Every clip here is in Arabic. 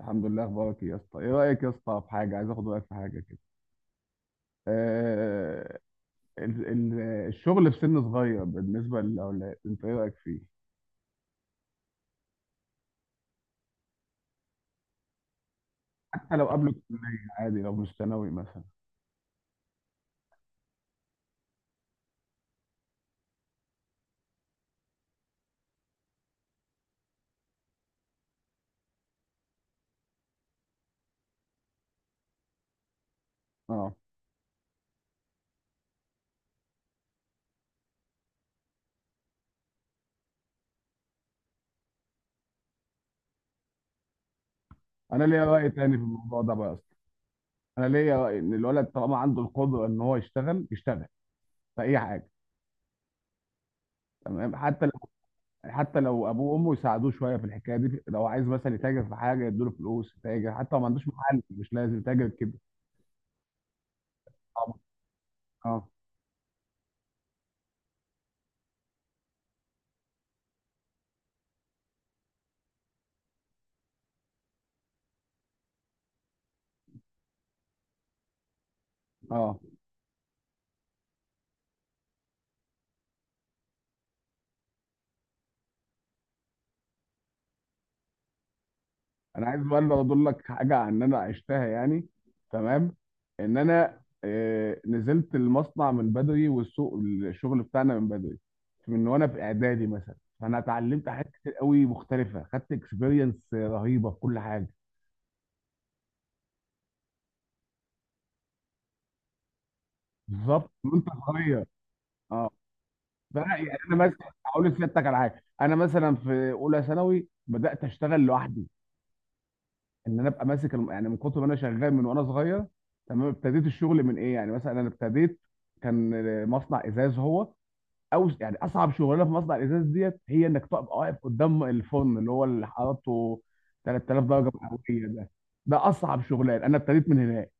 الحمد لله، اخبارك ايه يا اسطى؟ ايه رايك يا اسطى في حاجه؟ عايز اخد رايك في حاجه كده. آه. ال- ال- الشغل في سن صغير بالنسبه للاولاد، انت ايه رايك فيه؟ حتى لو قبل الكليه عادي، لو مش ثانوي مثلا. اه. انا ليا راي تاني في الموضوع ده بقى يا اسطى. انا ليا راي ان الولد طالما عنده القدره ان هو يشتغل يشتغل في اي حاجه. تمام. حتى لو ابوه وامه يساعدوه شويه في الحكايه دي، لو عايز مثلا يتاجر في حاجه يدوا له فلوس يتاجر، حتى لو ما عندوش محل مش لازم يتاجر كده. اه، اه. انا عايز بقى اللي اقول لك حاجه عن ان انا عشتها يعني. تمام. ان انا نزلت المصنع من بدري، والسوق الشغل بتاعنا من بدري، من وانا في اعدادي مثلا. فانا اتعلمت حاجات كتير قوي مختلفه، خدت اكسبيرينس رهيبه في كل حاجه. بالظبط وانت صغير. اه. بقى يعني انا مثلا. هقول لك على حاجه. انا مثلا في اولى ثانوي بدات اشتغل لوحدي. ان انا ابقى ماسك يعني من كتر ما انا شغال من وانا صغير. تمام. ابتديت الشغل من ايه يعني، مثلا انا ابتديت، كان مصنع ازاز هو. او يعني اصعب شغلانه في مصنع الازاز ديت، هي انك تبقى واقف قدام الفرن اللي هو اللي حرارته 3000 درجه مئويه ده. ده اصعب شغلان، انا ابتديت من هناك.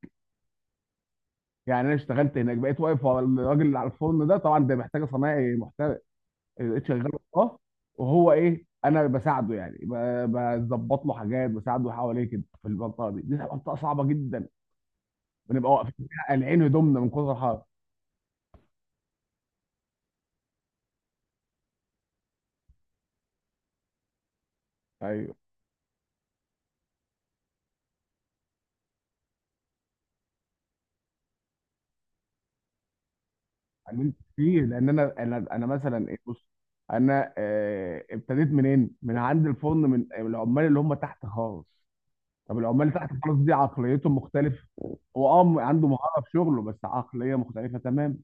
يعني انا اشتغلت هناك، بقيت واقف ورا الراجل اللي على الفرن ده، طبعا ده محتاج صنايعي محترف. لقيت شغال. اه. وهو ايه انا بساعده يعني، بظبط له حاجات بساعده حواليه كده. في المنطقه دي، دي منطقه صعبه جدا. بنبقى واقفين قلعين هدومنا من كتر الحر. ايوه. اتعلمت كتير، لان انا مثلا، بص. انا ابتديت منين؟ من عند الفرن، من العمال اللي هم تحت خالص. طب العمال اللي تحت خالص دي عقليتهم مختلفه. هو عنده مهاره في شغله بس عقليه مختلفه تمام.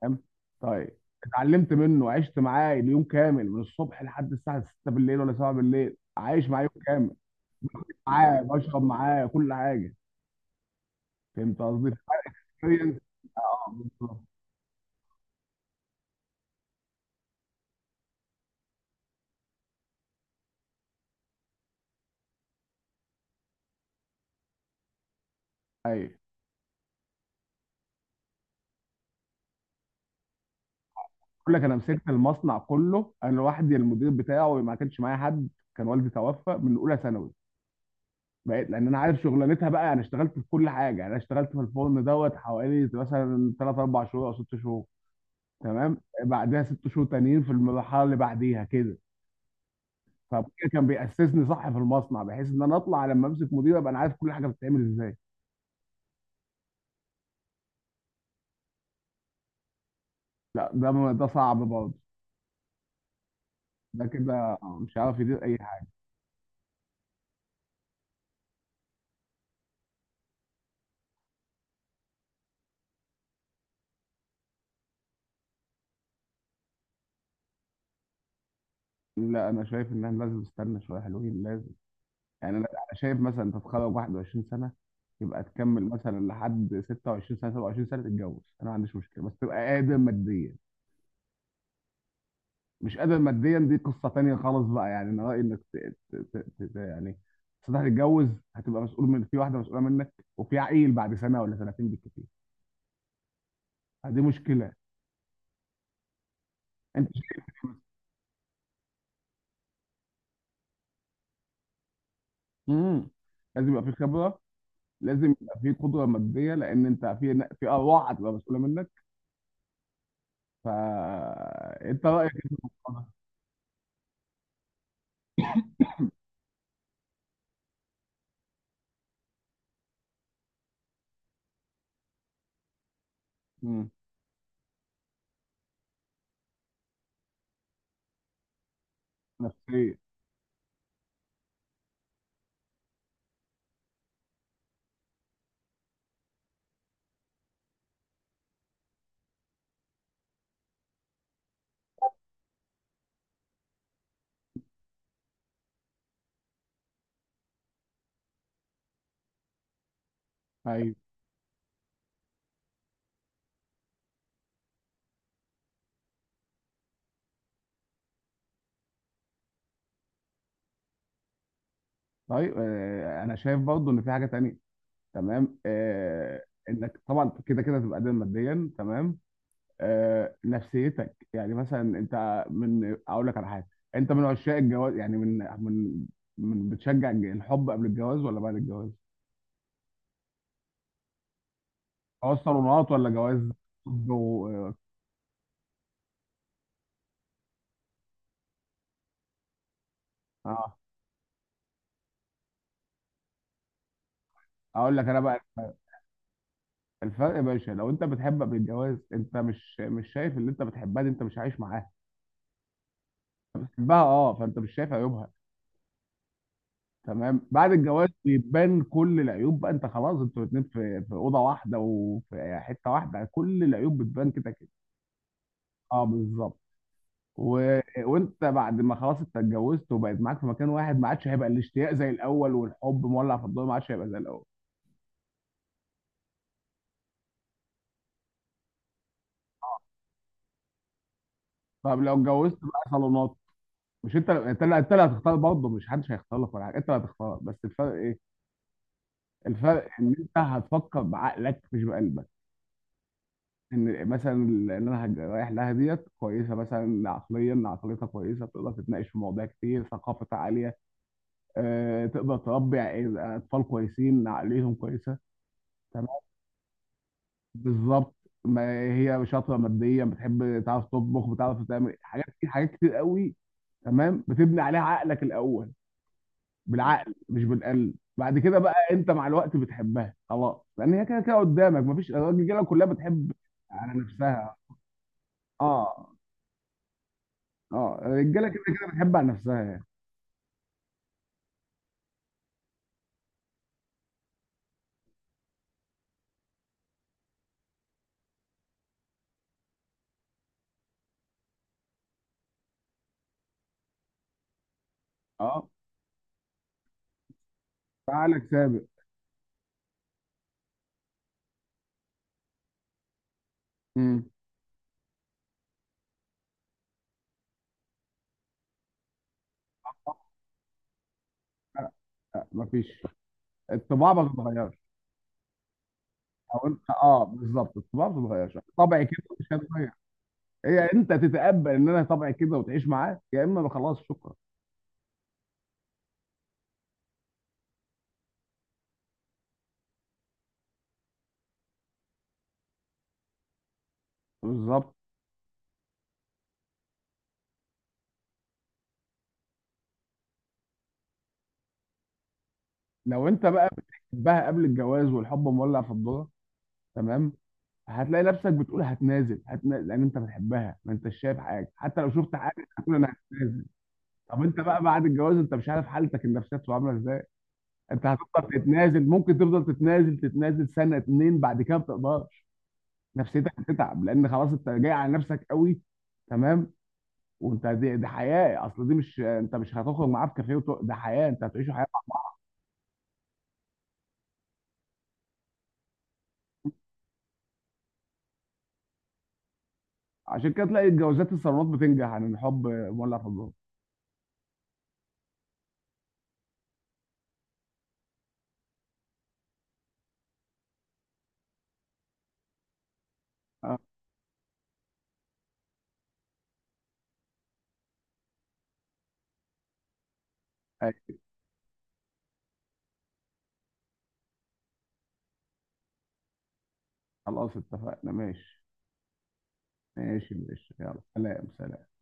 تمام. طيب. اتعلمت منه، عشت معاه اليوم كامل من الصبح لحد الساعه 6 بالليل ولا 7 بالليل، عايش معاه يوم كامل. معاه، بشرب معاه، كل حاجه. فهمت قصدي؟ حرفياً، اه. آه، بالظبط. ايوه. بقول لك، انا مسكت المصنع كله انا لوحدي، المدير بتاعه ما كانش معايا حد. كان والدي توفى من اولى ثانوي. بقيت لان انا عارف شغلانتها بقى. انا اشتغلت في كل حاجه، يعني انا اشتغلت في الفرن دوت حوالي مثلا 3 4 شهور او 6 شهور. تمام. بعدها 6 شهور تانيين في المرحله اللي بعديها كده. فكده كان بيأسسني صح في المصنع، بحيث ان انا اطلع لما امسك مدير ابقى انا عارف كل حاجه بتتعمل ازاي. لا، ده ده صعب برضه. ده كده مش عارف يدير اي حاجه. لا، انا شايف ان احنا لازم نستنى شويه حلوين، لازم. يعني انا شايف مثلا انت تتخرج 21 سنه. يبقى تكمل مثلا لحد 26 سنه 27 سنه تتجوز، انا ما عنديش مشكله، بس تبقى قادر ماديا. مش قادر ماديا دي قصه تانيه خالص. بقى يعني انا رايي انك يعني تصدق تتجوز. هتبقى مسؤول، من في واحده مسؤوله منك وفي عقيل بعد سنه ولا سنتين بالكتير. دي مشكله. انت، امم لازم يبقى في خبره. لازم يبقى في قدره ماديه، لان انت في ارواح هتبقى مسؤوله منك. فانت رايك ايه في الموضوع ده؟ مم. نفسيه. ايوه. طيب، انا شايف برضو ان في حاجه تانية. تمام. انك طبعا كده كده تبقى قادر ماديا تمام. نفسيتك يعني مثلا انت، من اقول لك على حاجه. انت من عشاق الجواز يعني، من بتشجع الحب قبل الجواز ولا بعد الجواز؟ جواز صالونات ولا جواز حب. اه. اقول لك انا بقى. الفرق يا باشا، لو انت بتحب قبل الجواز انت مش شايف اللي انت بتحبها دي، انت مش عايش معاها. بتحبها فانت مش شايف عيوبها. تمام. بعد الجواز بيبان كل العيوب، بقى انت خلاص انتوا الاتنين في اوضه واحده وفي حته واحده، كل العيوب بتبان كده كده. اه، بالظبط. و... وانت بعد ما خلاص انت اتجوزت وبقيت معاك في مكان واحد، ما عادش هيبقى الاشتياق زي الاول، والحب مولع في الضوء ما عادش هيبقى زي الاول. طب لو اتجوزت بقى صالونات. مش انت اللي هتختار برضه؟ مش حدش هيختار لك ولا حاجه، انت اللي هتختار، بس الفرق ايه؟ الفرق ان انت هتفكر بعقلك مش بقلبك. ان مثلا اللي انا رايح لها ديت كويسه مثلا، عقليا عقليتها كويسه، تقدر تتناقش في مواضيع كتير، ثقافتها عاليه. أه، تقدر تربي اطفال كويسين عقليهم كويسه. تمام. بالظبط. ما هي شاطره ماديا، بتحب، تعرف تطبخ، بتعرف تعمل حاجات كتير، حاجات كتير قوي. تمام. بتبني عليها عقلك الاول. بالعقل مش بالقلب. بعد كده بقى انت مع الوقت بتحبها خلاص، لان هي كده كده قدامك مفيش، الرجاله كلها بتحب على نفسها. اه، اه، الرجاله كده كده بتحب على نفسها يعني. اه. تعالك سابق. امم. مفيش. الطباع ما بتتغيرش. او انت، بالظبط، الطباع ما بتتغيرش، طبعي كده مش هتغير. هي انت تتقبل ان انا طبعي كده وتعيش معاه، يا اما خلاص شكرا. بالظبط. لو انت بقى بتحبها قبل الجواز والحب مولع في الدنيا. تمام. هتلاقي نفسك بتقول هتنازل هتنازل لان انت بتحبها، ما انتش شايف حاجه، حتى لو شفت حاجه هتقول انا هتنازل. طب انت بقى بعد الجواز، انت مش عارف حالتك النفسيه بتبقى عامله ازاي. انت هتفضل تتنازل، ممكن تفضل تتنازل تتنازل سنه اتنين، بعد كده ما بتقدرش. نفسيتك هتتعب، لان خلاص انت جاي على نفسك قوي. تمام. وانت دي حياه، اصل دي مش، انت مش هتخرج معاه في كافيه، ده حياه انت هتعيشه حياه. عشان كده تلاقي الجوازات الصالونات بتنجح عن الحب مولع في الجو. آه، أيوة. خلاص اتفقنا ماشي. ماشي ماشي، يلا سلام سلام.